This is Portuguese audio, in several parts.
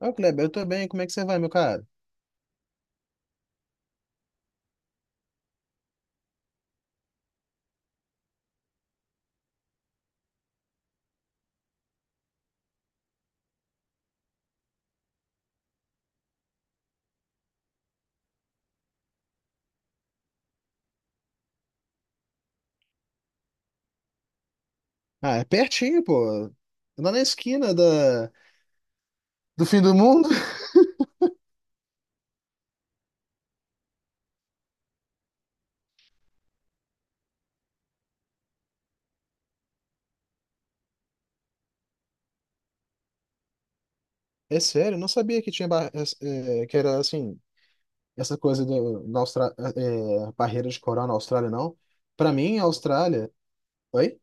Ô, Kleber, eu tô bem, como é que você vai, meu cara? Ah, é pertinho, pô. Lá na esquina da... do fim do mundo. É sério, eu não sabia que tinha bar... que era assim, essa coisa da Austra... é, barreira de coral na Austrália, não. Pra mim, a Austrália. Oi?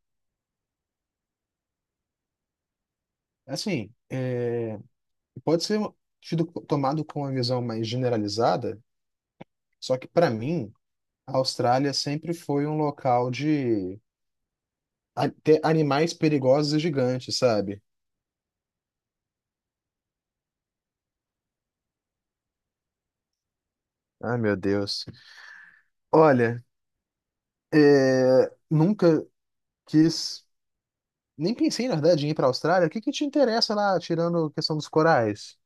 Assim, é, pode ser tido, tomado com uma visão mais generalizada, só que pra mim, a Austrália sempre foi um local de ter animais perigosos e gigantes, sabe? Ai, meu Deus. Olha. É, nunca quis, nem pensei, na verdade, em ir para a Austrália. O que que te interessa lá, tirando a questão dos corais?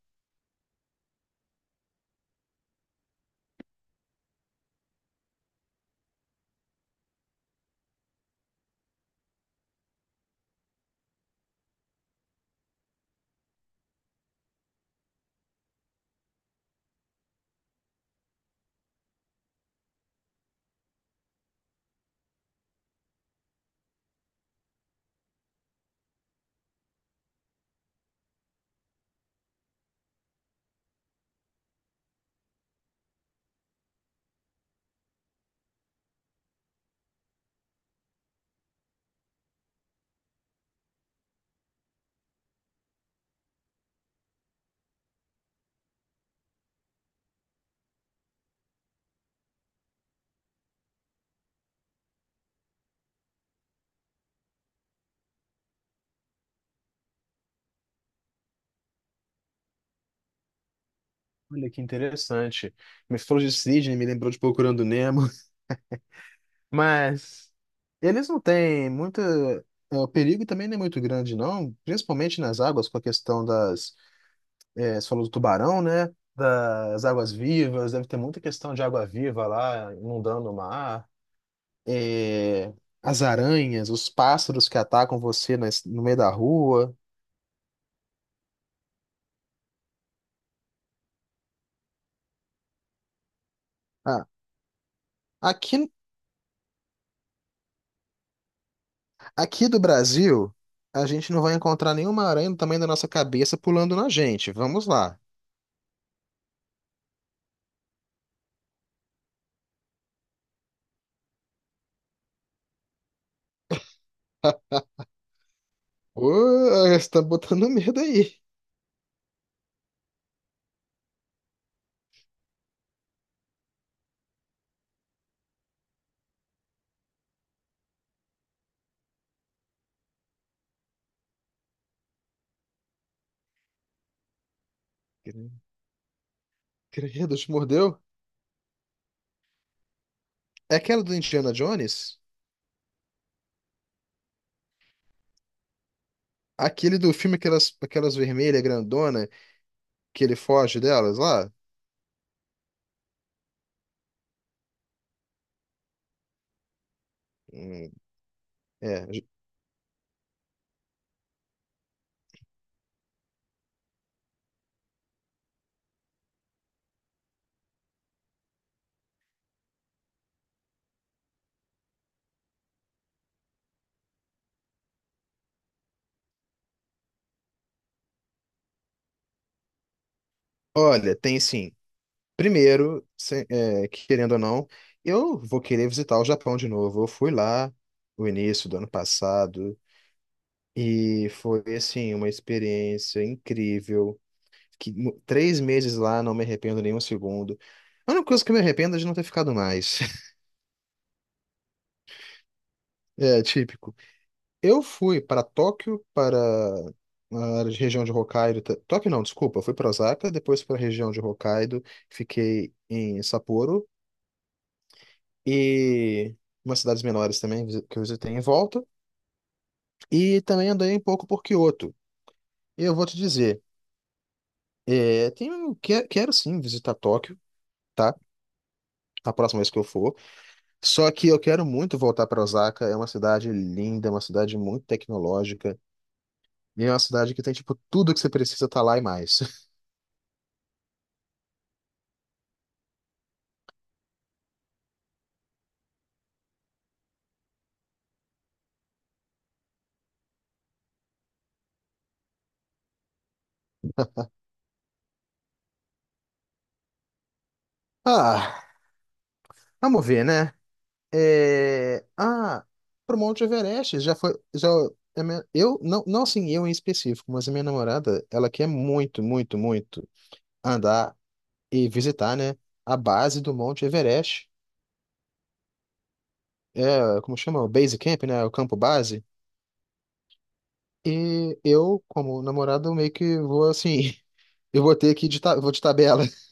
Olha que interessante. Me falou de Sydney, me lembrou de Procurando Nemo. Mas eles não têm muita. O perigo também não é muito grande, não, principalmente nas águas, com a questão das. É, você falou do tubarão, né? Das águas vivas, deve ter muita questão de água viva lá inundando o mar. é, as aranhas, os pássaros que atacam você no meio da rua. Ah, aqui, aqui do Brasil, a gente não vai encontrar nenhuma aranha do tamanho da nossa cabeça pulando na gente. Vamos lá. Ô, você tá botando medo aí. Cre- Credo, te mordeu? É aquela do Indiana Jones? Aquele do filme, aquelas vermelhas grandona que ele foge delas lá? Hum, é. Olha, tem sim. Primeiro, é, querendo ou não, eu vou querer visitar o Japão de novo. Eu fui lá no início do ano passado e foi, assim, uma experiência incrível. Que, três meses lá, não me arrependo nem um segundo. A única coisa que eu me arrependo é de não ter ficado mais. É típico. Eu fui para Tóquio, para a região de Hokkaido. Tóquio não, desculpa. Eu fui para Osaka, depois para a região de Hokkaido. Fiquei em Sapporo e umas cidades menores também que eu visitei em volta. E também andei um pouco por Kyoto. E eu vou te dizer, quero sim visitar Tóquio, tá? A próxima vez que eu for. Só que eu quero muito voltar para Osaka. É uma cidade linda, uma cidade muito tecnológica. E é uma cidade que tem, tipo, tudo que você precisa tá lá e mais. Ah, vamos ver, né? É... Ah, pro Monte Everest já foi. Já... Eu, não, não assim, eu em específico, mas a minha namorada, ela quer muito, muito, muito andar e visitar, né? A base do Monte Everest. É, como chama? O Base Camp, né? O campo base. E eu, como namorado, meio que vou assim. Eu vou ter vou de tabela.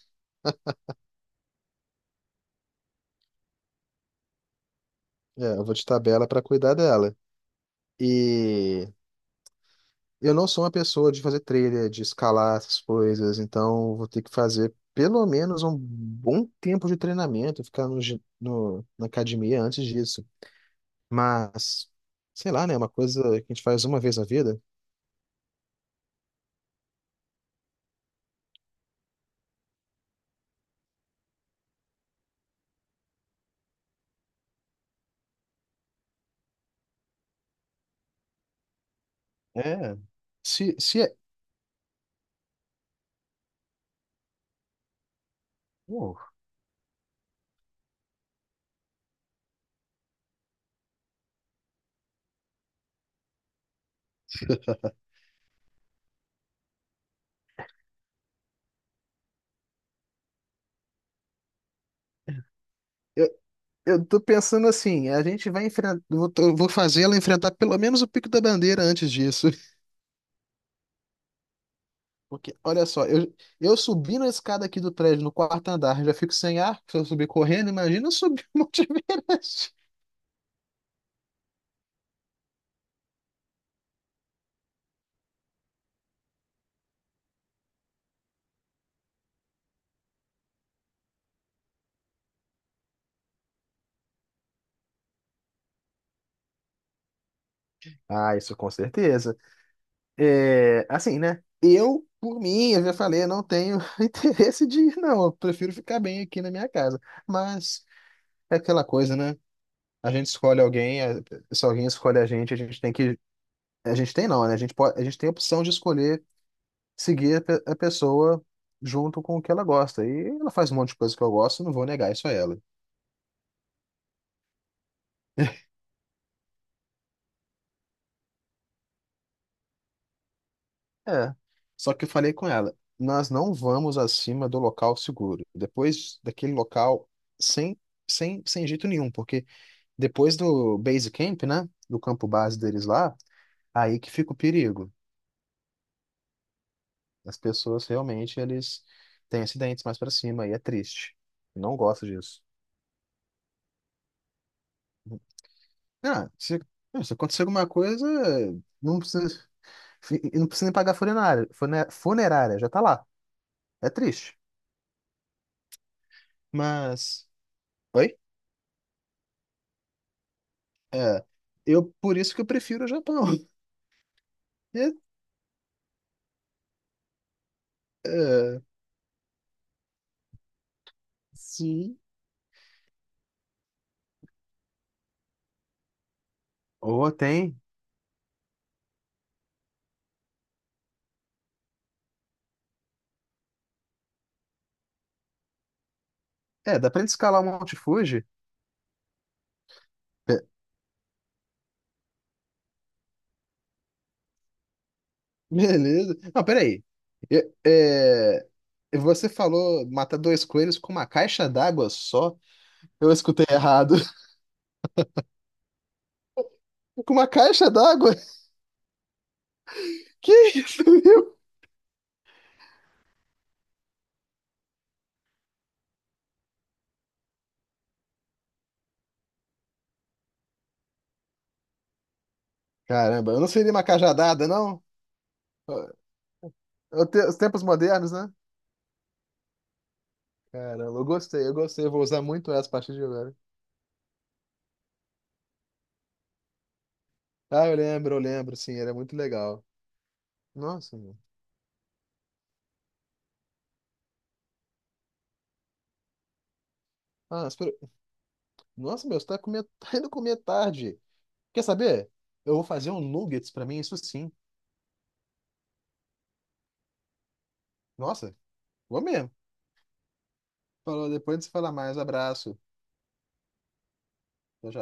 É, eu vou de tabela pra cuidar dela. Eu não sou uma pessoa de fazer trilha, de escalar essas coisas, então vou ter que fazer pelo menos um bom tempo de treinamento, ficar na academia antes disso. Mas, sei lá, né? Uma coisa que a gente faz uma vez na vida. É. Se é- Pô, eu, eu tô pensando assim, a gente vai enfrentar. Eu vou fazer ela enfrentar pelo menos o Pico da Bandeira antes disso. Porque, olha só, eu subi na escada aqui do prédio, no quarto andar, já fico sem ar, se eu subir correndo, imagina eu subir o Monte Everest. Ah, isso com certeza. É, assim, né? Eu, por mim, eu já falei, eu não tenho interesse de ir, não. Eu prefiro ficar bem aqui na minha casa. Mas é aquela coisa, né? A gente escolhe alguém, se alguém escolhe a gente tem que. A gente tem não, né? A gente pode, a gente tem a opção de escolher seguir a a pessoa junto com o que ela gosta. E ela faz um monte de coisa que eu gosto, não vou negar isso a ela. É. Só que eu falei com ela, nós não vamos acima do local seguro. Depois daquele local, sem, sem jeito nenhum, porque depois do base camp, né, do campo base deles lá, aí que fica o perigo. As pessoas realmente, eles têm acidentes mais pra cima e é triste. Não gosto disso. Ah, se acontecer alguma coisa, não precisa, não precisa nem pagar funerária, funerária, já tá lá. É triste. Mas... Oi? É, eu por isso que eu prefiro o Japão. É, é, sim. Ou tem. É, dá pra gente escalar o Monte Fuji? Pe- Beleza. Não, peraí. Eu- é, você falou matar dois coelhos com uma caixa d'água só? Eu escutei errado. Com uma caixa d'água? Que isso, meu? Caramba, eu não seria uma cajadada, não? Os tempos modernos, né? Caramba, eu gostei. Eu vou usar muito essa a partir de agora. Ah, eu lembro, sim, era muito legal. Nossa. Ah, espera- Nossa, meu, você tá, comer... tá indo comer tarde. Quer saber? Eu vou fazer um nuggets pra mim, isso sim. Nossa, vou mesmo. Falou, depois você fala mais. Abraço. Tchau, tchau.